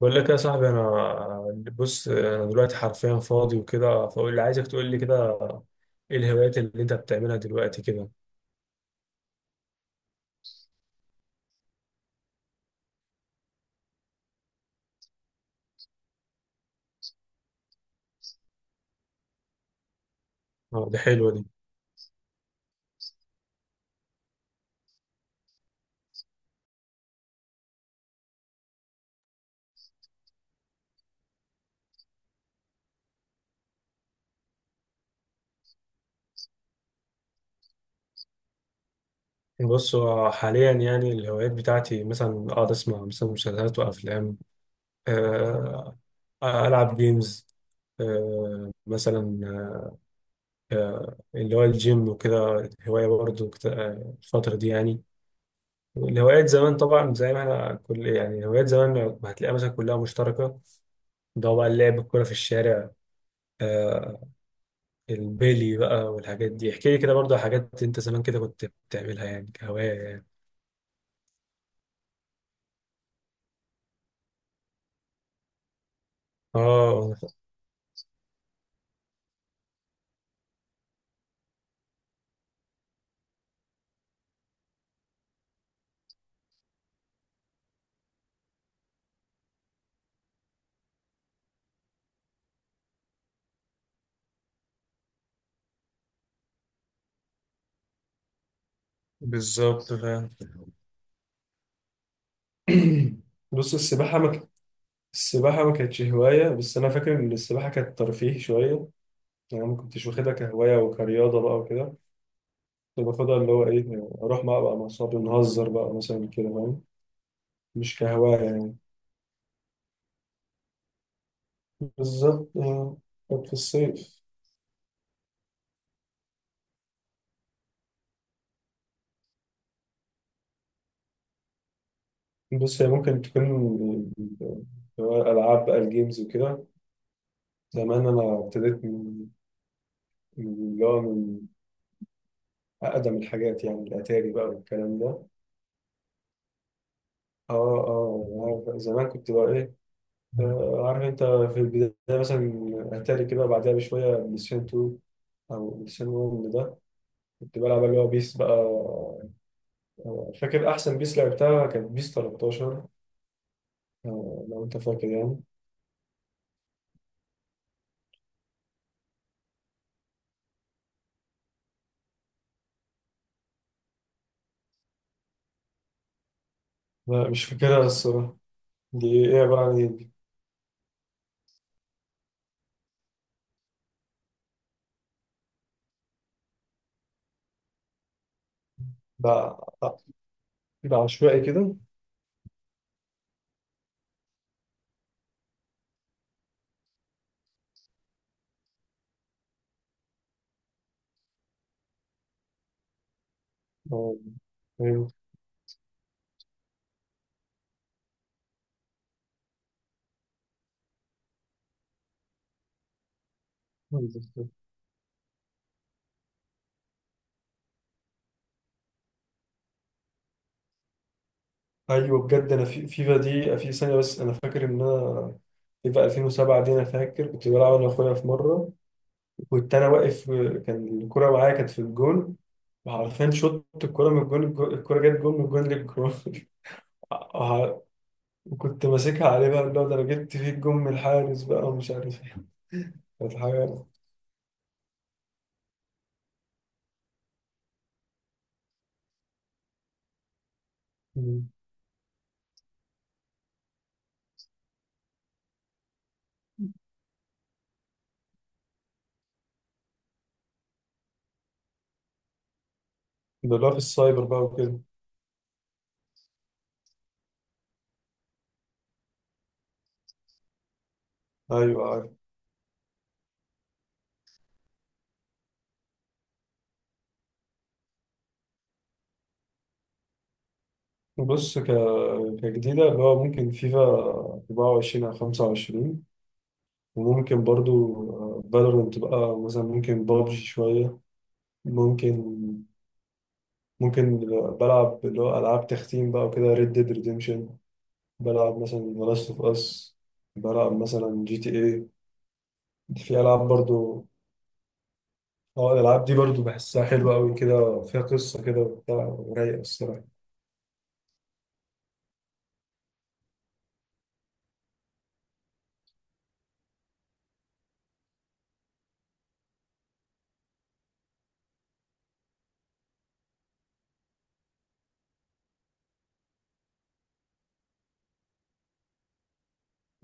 بقول لك يا صاحبي، انا بص انا دلوقتي حرفيا فاضي وكده، فاقول اللي عايزك تقول لي كده. ايه الهوايات اللي انت بتعملها دلوقتي كده؟ اه، دي حلوه دي. بص، هو حاليا يعني الهوايات بتاعتي مثلا اقعد اسمع مثلا مسلسلات وافلام. آه، العب جيمز. مثلا اللي هو الجيم وكده هوايه برضه الفتره دي يعني. الهوايات زمان طبعا زي ما احنا كل يعني هوايات زمان ما هتلاقيها مثلا كلها مشتركه. ده هو بقى اللعب الكورة في الشارع. آه، البيلي بقى والحاجات دي احكي لي كده برضه على حاجات انت زمان كده كنت بتعملها يعني كهواية يعني. اه، بالظبط فاهم. بص السباحة ما ك- السباحة ما كانتش هواية، بس أنا فاكر إن السباحة كانت ترفيه شوية. يعني ما كنتش واخدها كهواية وكرياضة بقى وكده. كنت باخدها اللي هو إيه، أروح بقى مع أصحابي نهزر بقى مثلا كده فاهم، مش كهواية يعني. بالظبط. كانت في الصيف. بص هي ممكن تكون اللي هو الألعاب بقى الجيمز وكده. زمان أنا ابتديت من من اللي هو من أقدم الحاجات، يعني الأتاري بقى والكلام ده. آه، زمان كنت بقى إيه. عارف أنت في البداية مثلا أتاري كده، بعدها بشوية بلاي ستيشن 2 أو بلاي ستيشن 1 ده. كنت بلعب اللي هو بيس بقى. فاكر أحسن بيس لعبتها كانت بيس 13. لو أنت فاكر يعني. لا، مش فاكرها الصراحة. دي إيه؟ عبارة عن إيه؟ ده كده عشوائي كده. آه، فهمت. ايوه، بجد انا في فيفا دي في ثانيه، بس انا فاكر ان انا فيفا 2007 دي انا فاكر كنت بلعب انا واخويا في مره، وكنت انا واقف، كان الكره معايا كانت في الجون، وعارفين شوت الكره من الجون الكره جت جون من الجون للجون. ع- وكنت ماسكها عليه بقى، اللي هو ده انا جبت فيه الجون من الحارس بقى ومش عارف ايه، كانت حاجه. مم. ده اللي هو في السايبر بقى وكده. ايوه. بص ك... كجديدة اللي هو ممكن فيفا 24 أو 25، وممكن برضو فالورنت بقى مثلا، ممكن بابجي شوية، ممكن ممكن بلعب اللي هو ألعاب تختيم بقى وكده، ريد ديد ريديمشن، بلعب مثلا ذا لاست اوف اس، بلعب مثلا جي تي اي، في ألعاب برضو. اه، الألعاب دي برضو بحسها حلوة أوي كده، فيها قصة كده وبتاع ورايقة الصراحة.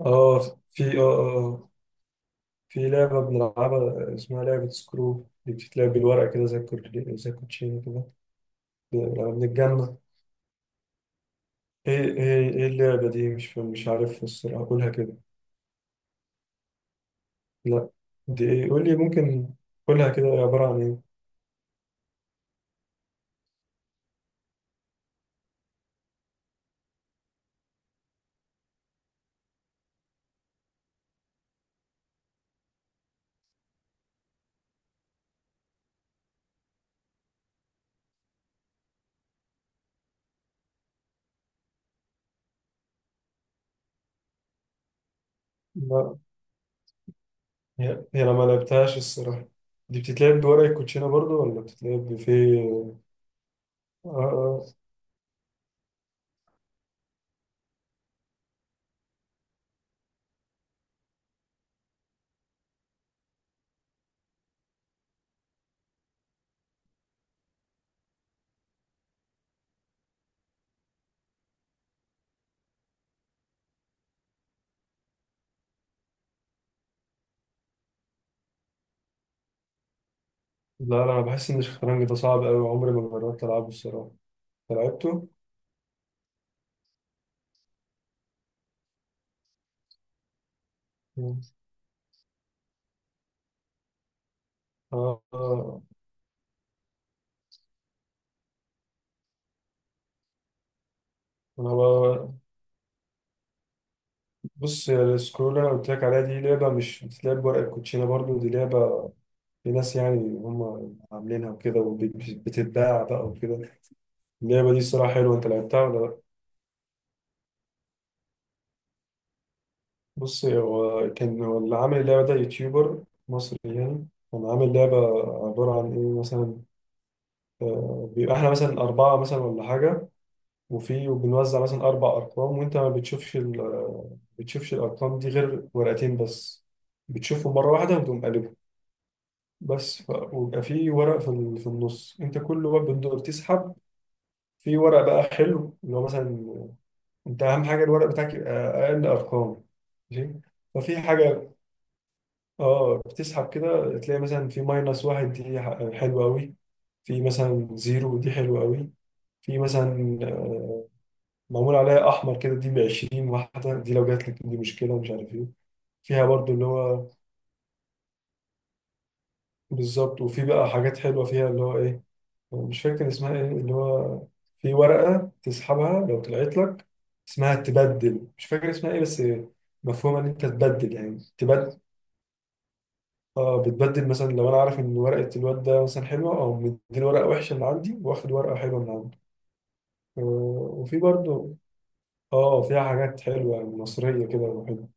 اه، في في لعبة بنلعبها اسمها لعبة سكرو، دي بتتلعب بالورقة كده، زي زي الكوتشينة كده لما بنتجمع. ايه، اللعبة دي مش عارف الصراحة، قولها كده. لا، دي ايه؟ قول لي، ممكن قولها كده، هي عبارة عن ايه؟ لا، هي انا ما لعبتهاش الصراحة. دي بتتلعب بورق الكوتشينة برضو ولا بتتلعب في آه. آه. آه. لا لا، انا بحس ان الشطرنج ده صعب قوي، عمري ما جربت العبه الصراحة. أنت لعبته؟ مم. اه. آه. انا، بص يا، السكرول اللي انا قلت لك عليها دي لعبه، مش بتتلعب بورق الكوتشينه برضو، دي لعبه لناس يعني، هم عاملينها وكده وبتتباع بقى وكده. اللعبه دي الصراحه حلوه، انت لعبتها ولا لا؟ بص، هو كان هو اللي عامل اللعبه ده يوتيوبر مصري يعني، كان عامل لعبه. عباره عن ايه مثلا؟ بيبقى احنا مثلا اربعه مثلا ولا حاجه، وبنوزع مثلا اربع ارقام، وانت ما بتشوفش ال- بتشوفش الارقام دي غير ورقتين بس، بتشوفهم مره واحده وتقوم قلبهم. ويبقى في ورق في في النص، انت كل ما بتسحب في ورق بقى حلو، اللي هو مثلا انت اهم حاجه الورق بتاعك يبقى اقل ارقام، ماشي. ففي حاجه، اه، بتسحب كده تلاقي مثلا في ماينس واحد، دي حلوه قوي، في مثلا زيرو، دي حلوه قوي، في مثلا معمول عليها احمر كده، دي ب 20 واحده، دي لو جات لك دي مشكله، ومش عارف ايه فيها برضو اللي هو. بالظبط. وفي بقى حاجات حلوه فيها اللي هو ايه، مش فاكر اسمها ايه، اللي هو في ورقة تسحبها لو طلعت لك، اسمها تبدل، مش فاكر اسمها ايه بس، مفهوم ان انت تبدل، يعني تبدل. اه، بتبدل مثلا لو انا عارف ان ورقة الواد ده مثلا حلوة، او مديني ورقة وحشة من عندي واخد ورقة حلوة من عنده. وفي برضه، اه، فيها حاجات حلوة مصرية كده وحلوة،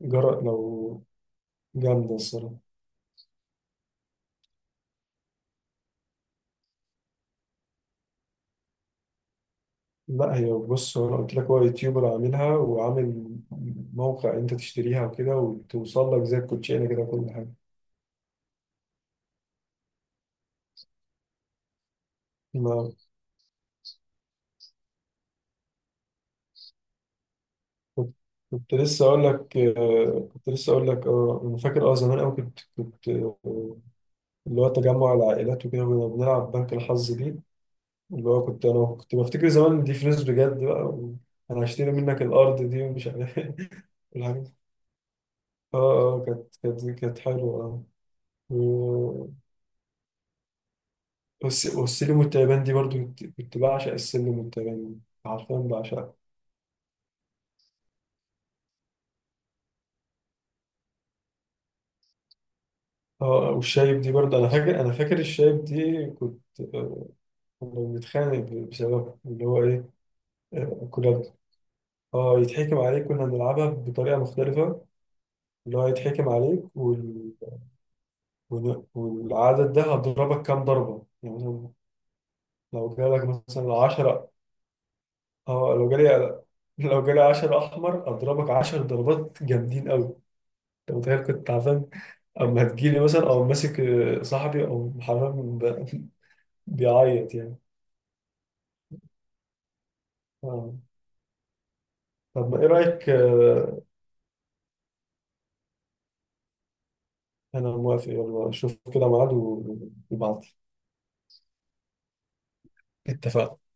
جرأت لو. جامدة الصراحة. لا هي بص هو انا قلت لك هو يوتيوبر عاملها، وعامل موقع انت تشتريها وكده، وتوصل لك زي الكوتشينه كده كل حاجة. ما كنت، كنت لسه اقول لك، كنت لسه اقول لك، اه، انا فاكر، اه، زمان قوي كنت اللي هو تجمع العائلات وكده كنا بنلعب بنك الحظ دي، اللي هو كنت انا كنت بفتكر زمان دي فلوس بجد بقى، وانا هشتري منك الارض دي ومش عارف إيه. الحاجات، اه، اه، كانت حلوه، اه. و- والسلم والتعبان دي برضو، كنت بعشق السلم والتعبان دي، عارفين بعشقها. اه، والشايب دي برضو، انا فاكر، الشايب دي كنت، آه، كنا بنتخانق بسبب اللي هو ايه. كنا، اه، يتحكم عليك، كنا بنلعبها بطريقة مختلفة، اللي هو يتحكم عليك وال... والعدد ده هضربك كام ضربة يعني، مثلا لو جالك مثلا عشرة، اه، لو جالي عشرة أحمر أضربك عشر ضربات جامدين أوي. أنت متخيل؟ كنت تعبان أما تجيلي، مثلا أو ماسك صاحبي أو حرام، بيعيط يعني. آه. طب ما إيه رأيك؟ أنا موافق، يلا شوف كده ميعاد وابعت. اتفقنا.